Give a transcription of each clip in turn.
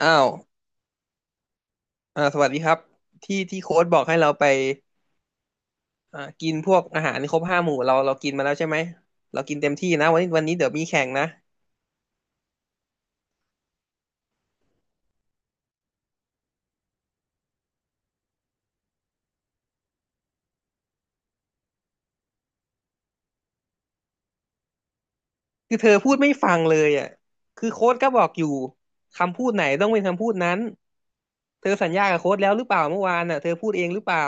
อ้าวสวัสดีครับที่ที่โค้ชบอกให้เราไปกินพวกอาหารครบห้าหมู่เรากินมาแล้วใช่ไหมเรากินเต็มที่นะวันนี้เดี๋ยวมีแข่งนะคือเธอพูดไม่ฟังเลยอ่ะคือโค้ชก็บอกอยู่คำพูดไหนต้องเป็นคำพูดนั้นเธอสัญญากับโค้ชแล้วหรือเปล่าเมื่อวานอ่ะเธอพูดเองหรือเปล่า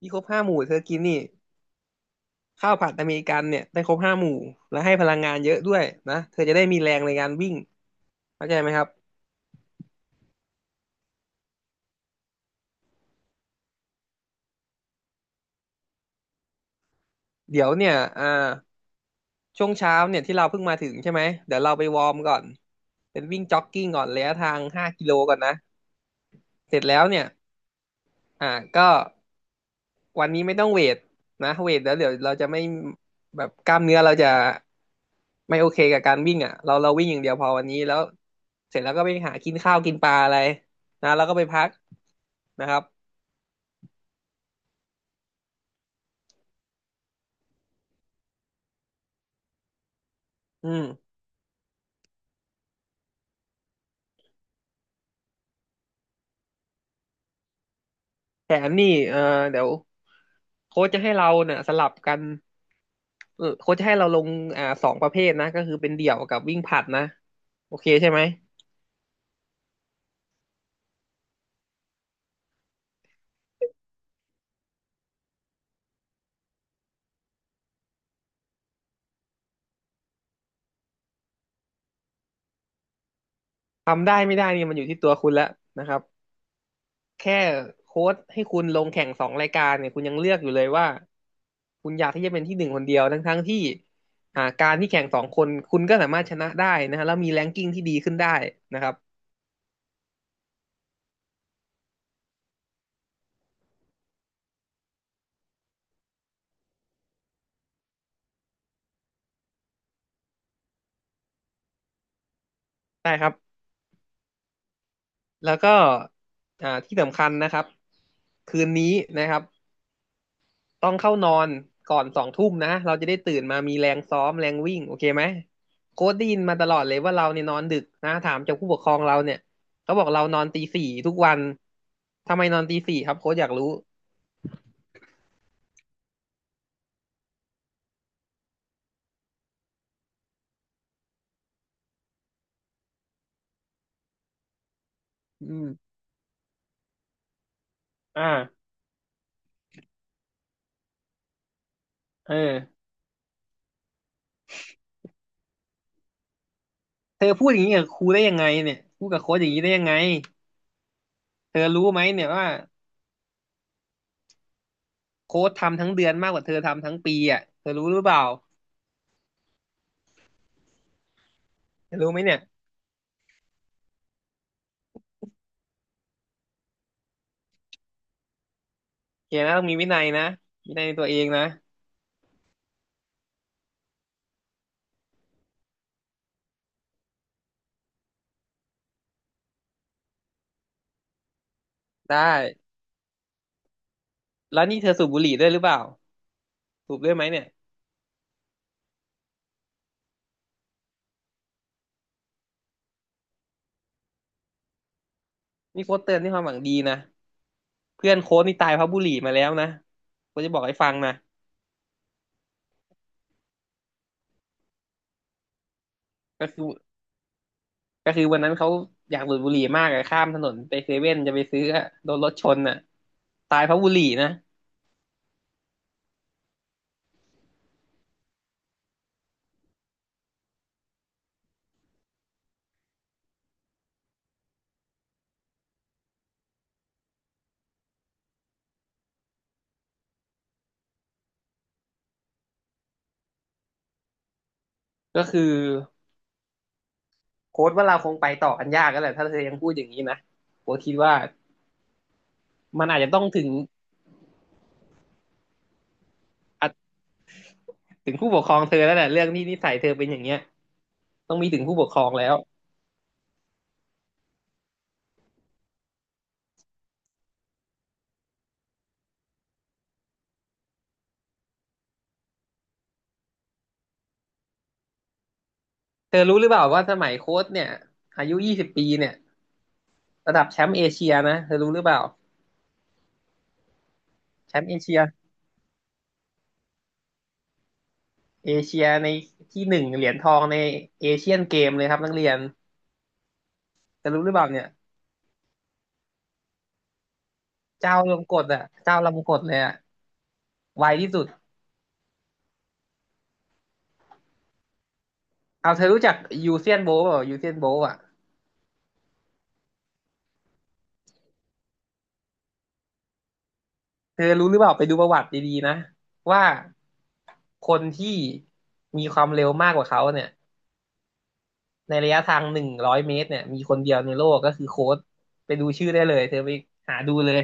ที่ครบห้าหมู่เธอกินนี่ข้าวผัดอเมริกันเนี่ยได้ครบห้าหมู่และให้พลังงานเยอะด้วยนะเธอจะได้มีแรงในการวิ่งเข้าใจไหมครับเดี๋ยวเนี่ยอ่า ช่วงเช้าเนี่ยที่เราเพิ่งมาถึงใช่ไหมเดี๋ยวเราไปวอร์มก่อนเป็นวิ่งจ็อกกิ้งก่อนระยะทาง5 กิโลก่อนนะเสร็จแล้วเนี่ยอ่าก็วันนี้ไม่ต้องเวทนะเวทแล้วเดี๋ยวเราจะไม่แบบกล้ามเนื้อเราจะไม่โอเคกับการวิ่งอ่ะเราวิ่งอย่างเดียวพอวันนี้แล้วเสร็จแล้วก็ไปหากินข้าวกินปลาอะไรนะแล้วก็ไปพักนะครับอืมแถมนี่เดี๋ยวโค้ชจะให้เราเนี่ยสลับกัน โค้ชจะให้เราลงสองประเภทนะก็คือเป็นเดี่ยวกับวิ่งผลัดนะโอเคใช่ไหมทำได้ไม่ได้นี่มันอยู่ที่ตัวคุณแล้วนะครับแค่โค้ชให้คุณลงแข่งสองรายการเนี่ยคุณยังเลือกอยู่เลยว่าคุณอยากที่จะเป็นที่หนึ่งคนเดียวทั้งที่การที่แข่งสองคนคุณก็สามารถชนะได้นะฮะแล้วมีแรงกิ้งที่ดีขึ้นได้นะครับได้ครับแล้วก็ที่สำคัญนะครับคืนนี้นะครับ ต้องเข้านอนก่อนสองทุ่มนะเราจะได้ตื่นมามีแรงซ้อมแรงวิ่งโอเคไหมโค้ชได้ยินมาตลอดเลยว่าเราเนี่ยนอนดึกนะถามจากผู้ปกครองเราเนี่ยเขาบอกเรานอนตีสี่ทุกวันทำไมนอนตีสี่ครับโค้ชอยากรู้อืมอ่าเออเธอพูดอย่างนี้กับครูได้ยังไงเนี่ยพูดกับโค้ชอย่างนี้ได้ยังไงเธอรู้ไหมเนี่ยว่าโค้ชทำทั้งเดือนมากกว่าเธอทำทั้งปีอ่ะเธอรู้หรือเปล่าเธอรู้ไหมเนี่ยโอเคนะต้องมีวินัยนะวินัยในตัวเองนะได้แล้วนี่เธอสูบบุหรี่ด้วยหรือเปล่าสูบด้วยไหมเนี่ย นี่โค้ชเตือนด้วยความหวังดีนะเพื่อนโค้ชนี่ตายเพราะบุหรี่มาแล้วนะก็จะบอกให้ฟังนะก็คือก็คือวันนั้นเขาอยากดูดบุหรี่มากอะข้ามถนนไปเซเว่นจะไปซื้ออะโดนรถชนอะตายเพราะบุหรี่นะก็คือโค้ชว่าเราคงไปต่อกันยากแล้วแหละถ้าเธอยังพูดอย่างนี้นะโค้ชคิดว่ามันอาจจะต้องถึงอาจถึงผู้ปกครองเธอแล้วแหละเรื่องที่นิสัยเธอเป็นอย่างเงี้ยต้องมีถึงผู้ปกครองแล้วเธอรู้หรือเปล่าว่าสมัยโค้ชเนี่ยอายุ20 ปีเนี่ยระดับแชมป์เอเชียนะเธอรู้หรือเปล่าแชมป์เอเชีย เอเชียในที่หนึ่งเหรียญทองในเอเชียนเกมเลยครับนักเรียนจะรู้หรือเปล่าเนี่ยเจ้าลมกดอ่ะเจ้าลมกดเลยอ่ะไวที่สุดเอาเธอรู้จักยูเซียนโบว์เปล่ายูเซียนโบว์อ่ะเธอรู้หรือเปล่าไปดูประวัติดีๆนะว่าคนที่มีความเร็วมากกว่าเขาเนี่ยในระยะทาง100 เมตรเนี่ยมีคนเดียวในโลกก็คือโค้ชไปดูชื่อได้เลยเธอไปหาดูเลย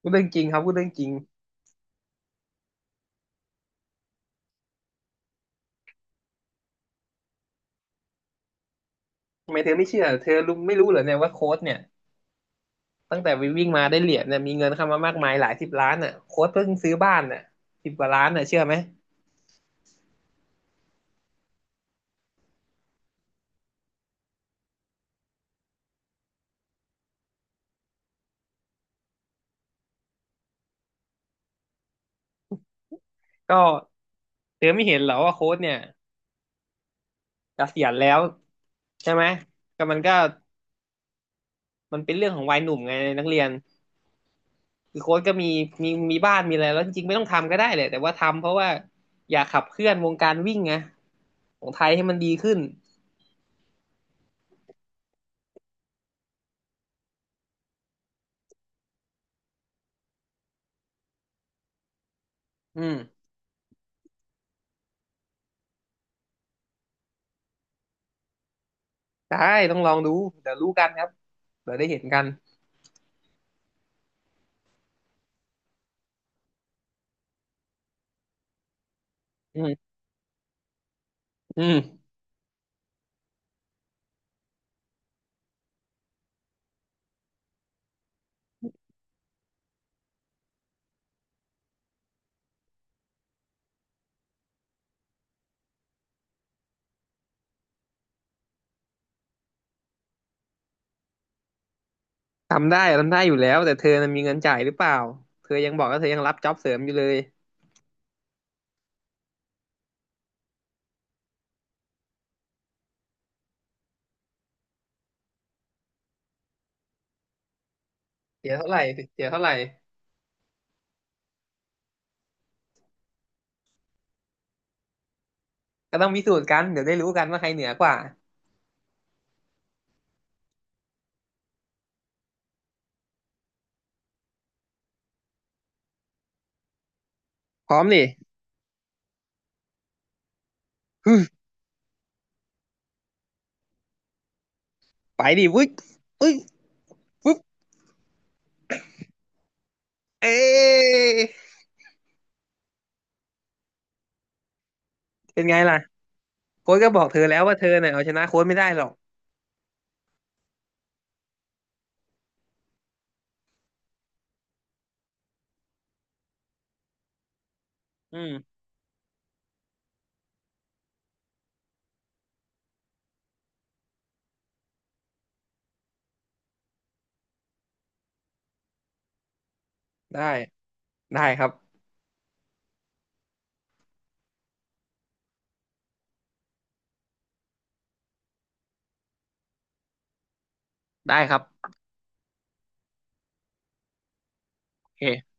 พูดเรื่องจริงครับพูดเรื่องจริงทำไมเธอไม่เชื่อเธอรู้ไม่รู้เหรอเนี่ยว่าโค้ชเนี่ย ตั้งแต่วิ่งมาได้เหรียญเนี่ยมีเงินเข้ามามากมายหลายสิบล้านอ่ะโค้ชเพิ่งซื้อบ้านอ่ะ10 กว่าล้านอ่ะเชื่อไหมก็เธอไม่เห็นเหรอว่าโค้ชเนี่ยเกษียณแล้วใช่ไหมก็มันเป็นเรื่องของวัยหนุ่มไงนักเรียนคือโค้ชก็มีบ้านมีอะไรแล้วจริงๆไม่ต้องทำก็ได้เลยแต่ว่าทำเพราะว่าอยากขับเคลื่อนวงการวิ่งไงของไทยให้มันดีขึ้นอืมได้ต้องลองดูเดี๋ยวรู้กันครับเดี๋ยวได้เห็นกันอืมอืม ทำได้ทำได้อยู่แล้วแต่เธอน่ะมีเงินจ่ายหรือเปล่าเธอยังบอกว่าเธอยังรับจ็อบเสริมอยู่เลยเสียเท่าไหร่เสียเท่าไหร่ก็ต้องพิสูจน์กันเดี๋ยวได้รู้กันว่าใครเหนือกว่าพร้อมดิฮึมไปดิวุ้ยอุ้ยปุ๊บเอ๊ะเป็นไงล่ะโค้ชก็บอกเธอแล้วว่าเธอเนี่ยเอาชนะโค้ชไม่ได้หรอกอืมได้ได้ครับได้ครับโอเค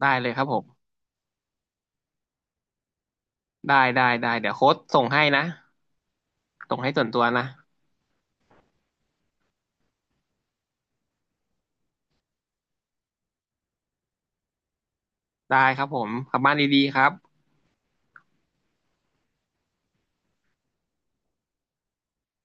ได้เลยครับผมได้ได้ได้เดี๋ยวโค้ชส่งให้นะส่งให้ส่วนตัวนะได้ครับผมกลับบ้านดีๆครับ